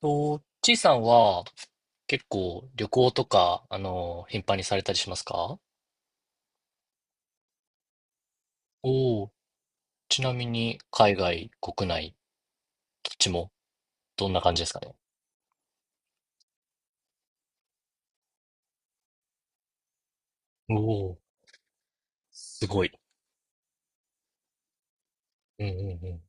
と、ちいさんは結構旅行とか、頻繁にされたりしますか？おおー、ちなみに海外、国内、どっちもどんな感じですかね？おおー、すごい。うんうんうん。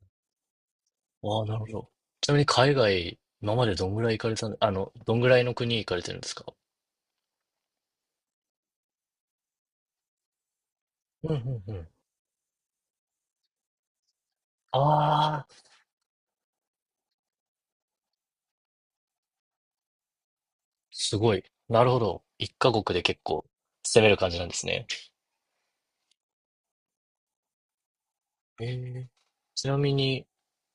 わあ、なるほど。ちなみに海外、今までどんぐらい行かれたのどんぐらいの国行かれてるんですか？うんうんうん。ああ、すごい。なるほど。一カ国で結構攻める感じなんですね。ええ、ちなみに、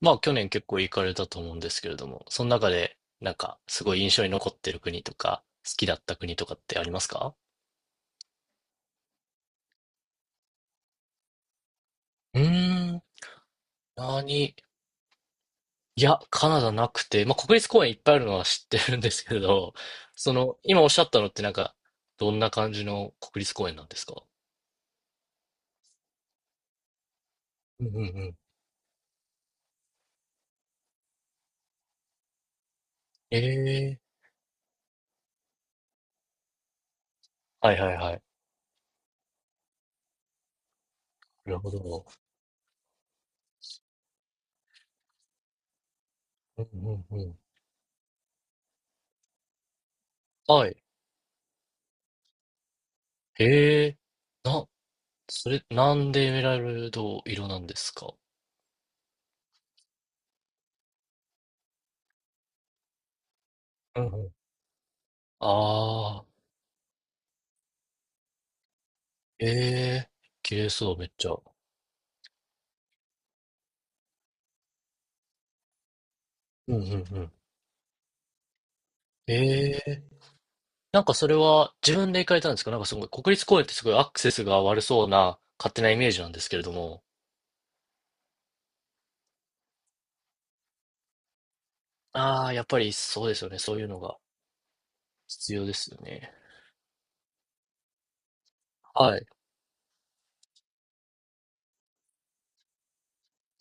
まあ去年結構行かれたと思うんですけれども、その中でなんかすごい印象に残ってる国とか、好きだった国とかってありますか？うーん、何？いや、カナダなくて、まあ国立公園いっぱいあるのは知ってるんですけど、その、今おっしゃったのってなんか、どんな感じの国立公園なんですか？うんうんうん。ええ。はいはいはい。なるほど。うんうんうん。はい。ええ、な、それ、なんでエメラルド色なんですか？うんうん。ああ、ええ、綺麗そう、めっちゃ。うんうんうん。ええ、なんかそれは自分で行かれたんですか？なんかすごい、国立公園ってすごいアクセスが悪そうな勝手なイメージなんですけれども。ああ、やっぱりそうですよね。そういうのが必要ですよね。はい。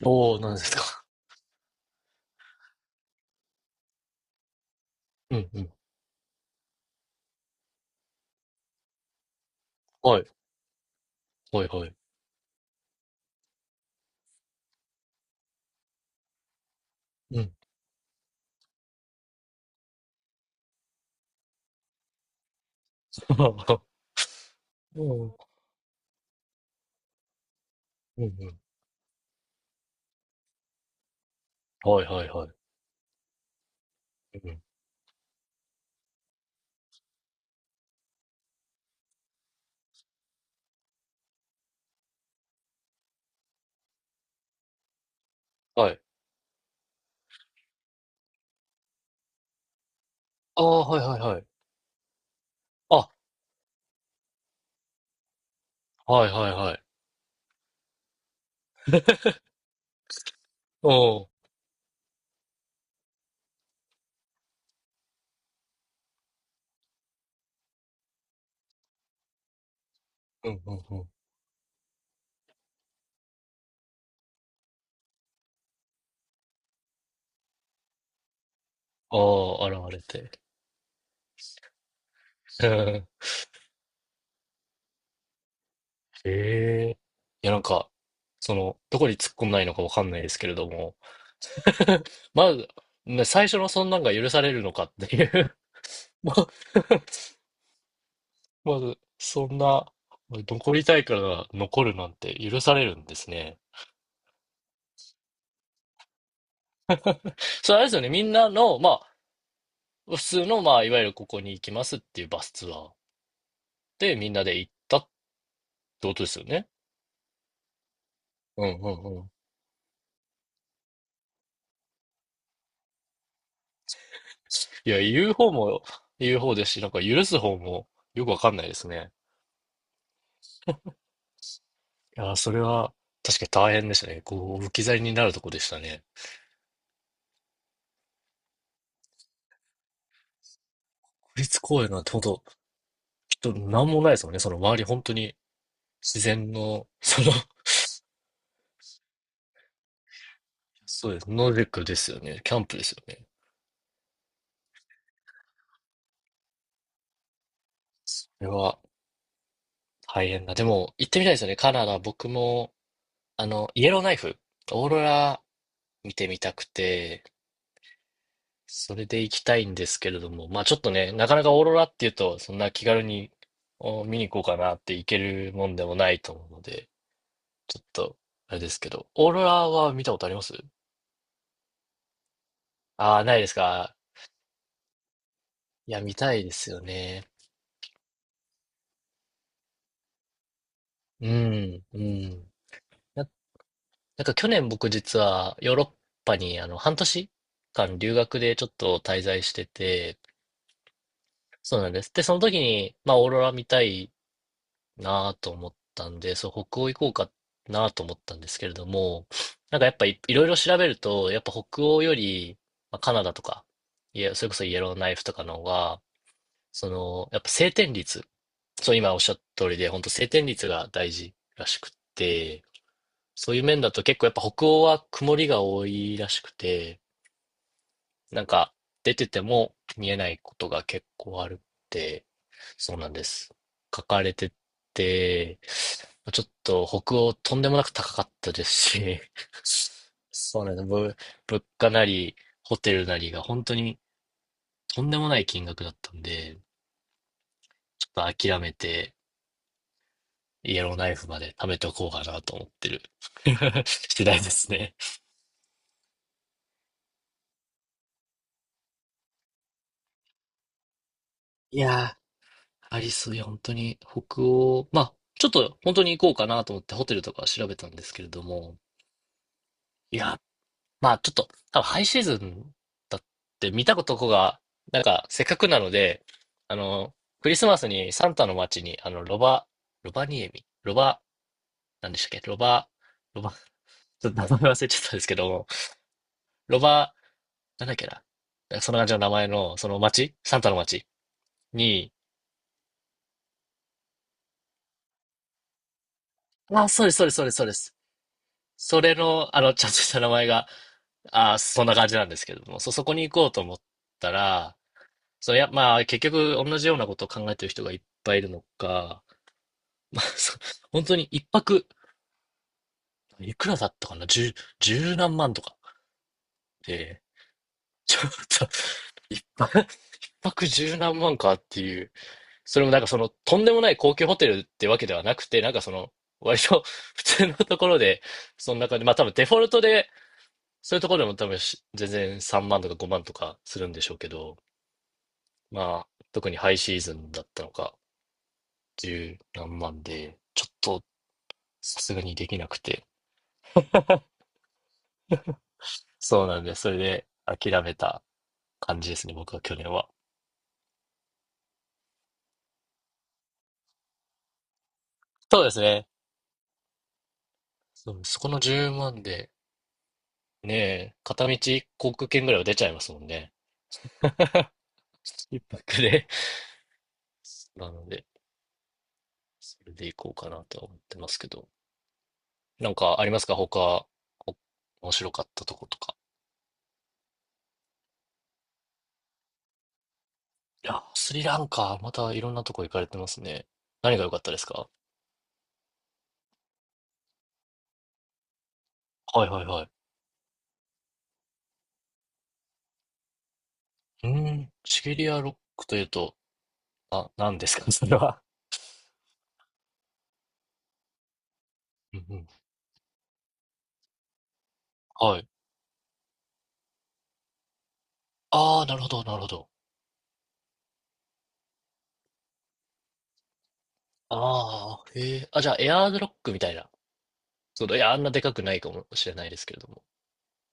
おお、なんですか。うんうん。はい。はいはい。うん。うんうん。はいはいはい。うん。はい。ああ、はいはいはい。あ、はいはいはい。おお。うんうんうん。ああ、現れて。うん、へえ。いや、なんか、その、どこに突っ込んないのかわかんないですけれども、まず、ね、最初のそんなんが許されるのかっていう。 ま、まず、そんな、残りたいから残るなんて許されるんですね。それあれですよね、みんなの、まあ、普通の、まあ、いわゆるここに行きますっていうバスツアーでみんなで行ったってことですよね。うんうんうん。いや、言う方も言う方ですし、なんか許す方もよくわかんないですね。いやー、それは確かに大変ですね。こう、置き去りになるとこでしたね。国立公園なんて本当、きっと何もないですもんね。その周り本当に自然の、その、そうです。ノルディックですよね。キャンプですよね。これは大変だ。でも、行ってみたいですよね。カナダ、僕も、イエローナイフ、オーロラ見てみたくて、それで行きたいんですけれども、まあちょっとね、なかなかオーロラっていうと、そんな気軽にお見に行こうかなって行けるもんでもないと思うので、ちょっと、あれですけど、オーロラは見たことありますああー、ないですか。いや、見たいですよね。うん、うん。な、なんか去年僕実はヨーロッパに半年間留学でちょっと滞在してて、そうなんです。で、その時に、まあ、オーロラ見たいなと思ったんで、そう、北欧行こうかなと思ったんですけれども、なんかやっぱい、いろいろ調べると、やっぱ北欧より、まあ、カナダとか、いや、それこそイエローナイフとかの方が、その、やっぱ晴天率。そう、今おっしゃった通りで、本当晴天率が大事らしくって、そういう面だと結構やっぱ北欧は曇りが多いらしくて、なんか出てても見えないことが結構あるって、そうなんです。書かれてて、ちょっと北欧とんでもなく高かったですし、そうなんです。ぶ、物価なり、ホテルなりが本当にとんでもない金額だったんで、ちょっと諦めて、イエローナイフまで貯めておこうかなと思ってる 次第ですね。いやー、アリス、いや、本当に北欧、まあ、ちょっと本当に行こうかなと思ってホテルとか調べたんですけれども、いや、まあちょっと、多分ハイシーズンだって見たことが、なんかせっかくなので、あの、クリスマスにサンタの街に、ロバ、ロバニエミ、ロバ、なんでしたっけ、ロバ、ロバ、ちょっと名前忘れちゃったんですけど、ロバなんだっけな。なんかそんな感じの名前の、その町、サンタの町に、あ、そうです、そうです、そうです、そうです。それの、ちゃんとした名前が、あ、そんな感じなんですけれども、そ、そこに行こうと思ったら、そう、いや、まあ、結局、同じようなことを考えてる人がいっぱいいるのか、まあ、そ、本当に一泊、いくらだったかな、十、十何万とかで、ちょっと、一泊、一泊十何万かっていう。それもなんかその、とんでもない高級ホテルってわけではなくて、なんかその、割と 普通のところで、そんな感じ。まあ多分デフォルトで、そういうところでも多分し全然3万とか5万とかするんでしょうけど、まあ、特にハイシーズンだったのか、十何万で、ちょっとさすがにできなくて。そうなんで、それで諦めた感じですね、僕は去年は。そうですね。そうそこの10万で、ねえ、片道航空券ぐらいは出ちゃいますもんね。一泊で。なので。それでいこうかなとは思ってますけど。なんかありますか他、お面白かったとことか。いやスリランカ、またいろんなとこ行かれてますね。何が良かったですか？はいはいはい。うーん、シベリアロックというと、あ、何ですか それは。うんうん。はい。ああ、なるほど、なるほど。ああ、へえ。あ、じゃあ、エアーズロックみたいな。その、いや、あんなでかくないかもしれないですけれども。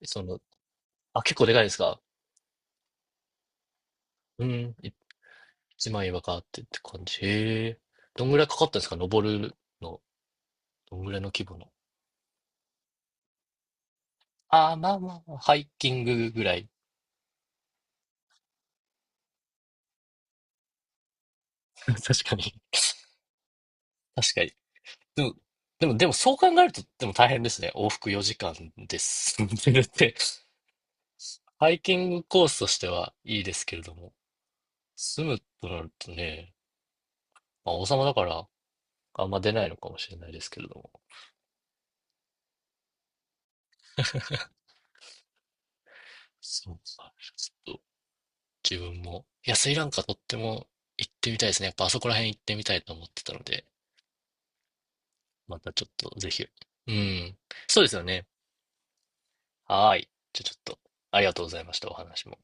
その、あ、結構でかいですか？うん、い、一枚岩があってって感じ。へえ。どんぐらいかかったんですか、登るの。どんぐらいの規模の。ああ、まあまあまあ、ハイキングぐらい。確かに。確かに。でも、でもそう考えると、でも大変ですね。往復4時間です。それって、ハイキングコースとしてはいいですけれども、住むとなるとね、まあ、王様だから、あんま出ないのかもしれないですけれども。そうか。ちょっと、自分も。いや、スリランカとっても行ってみたいですね。やっぱあそこら辺行ってみたいと思ってたので、またちょっと、ぜひ。うん。そうですよね。はーい。じゃあちょっと、ありがとうございました。お話も。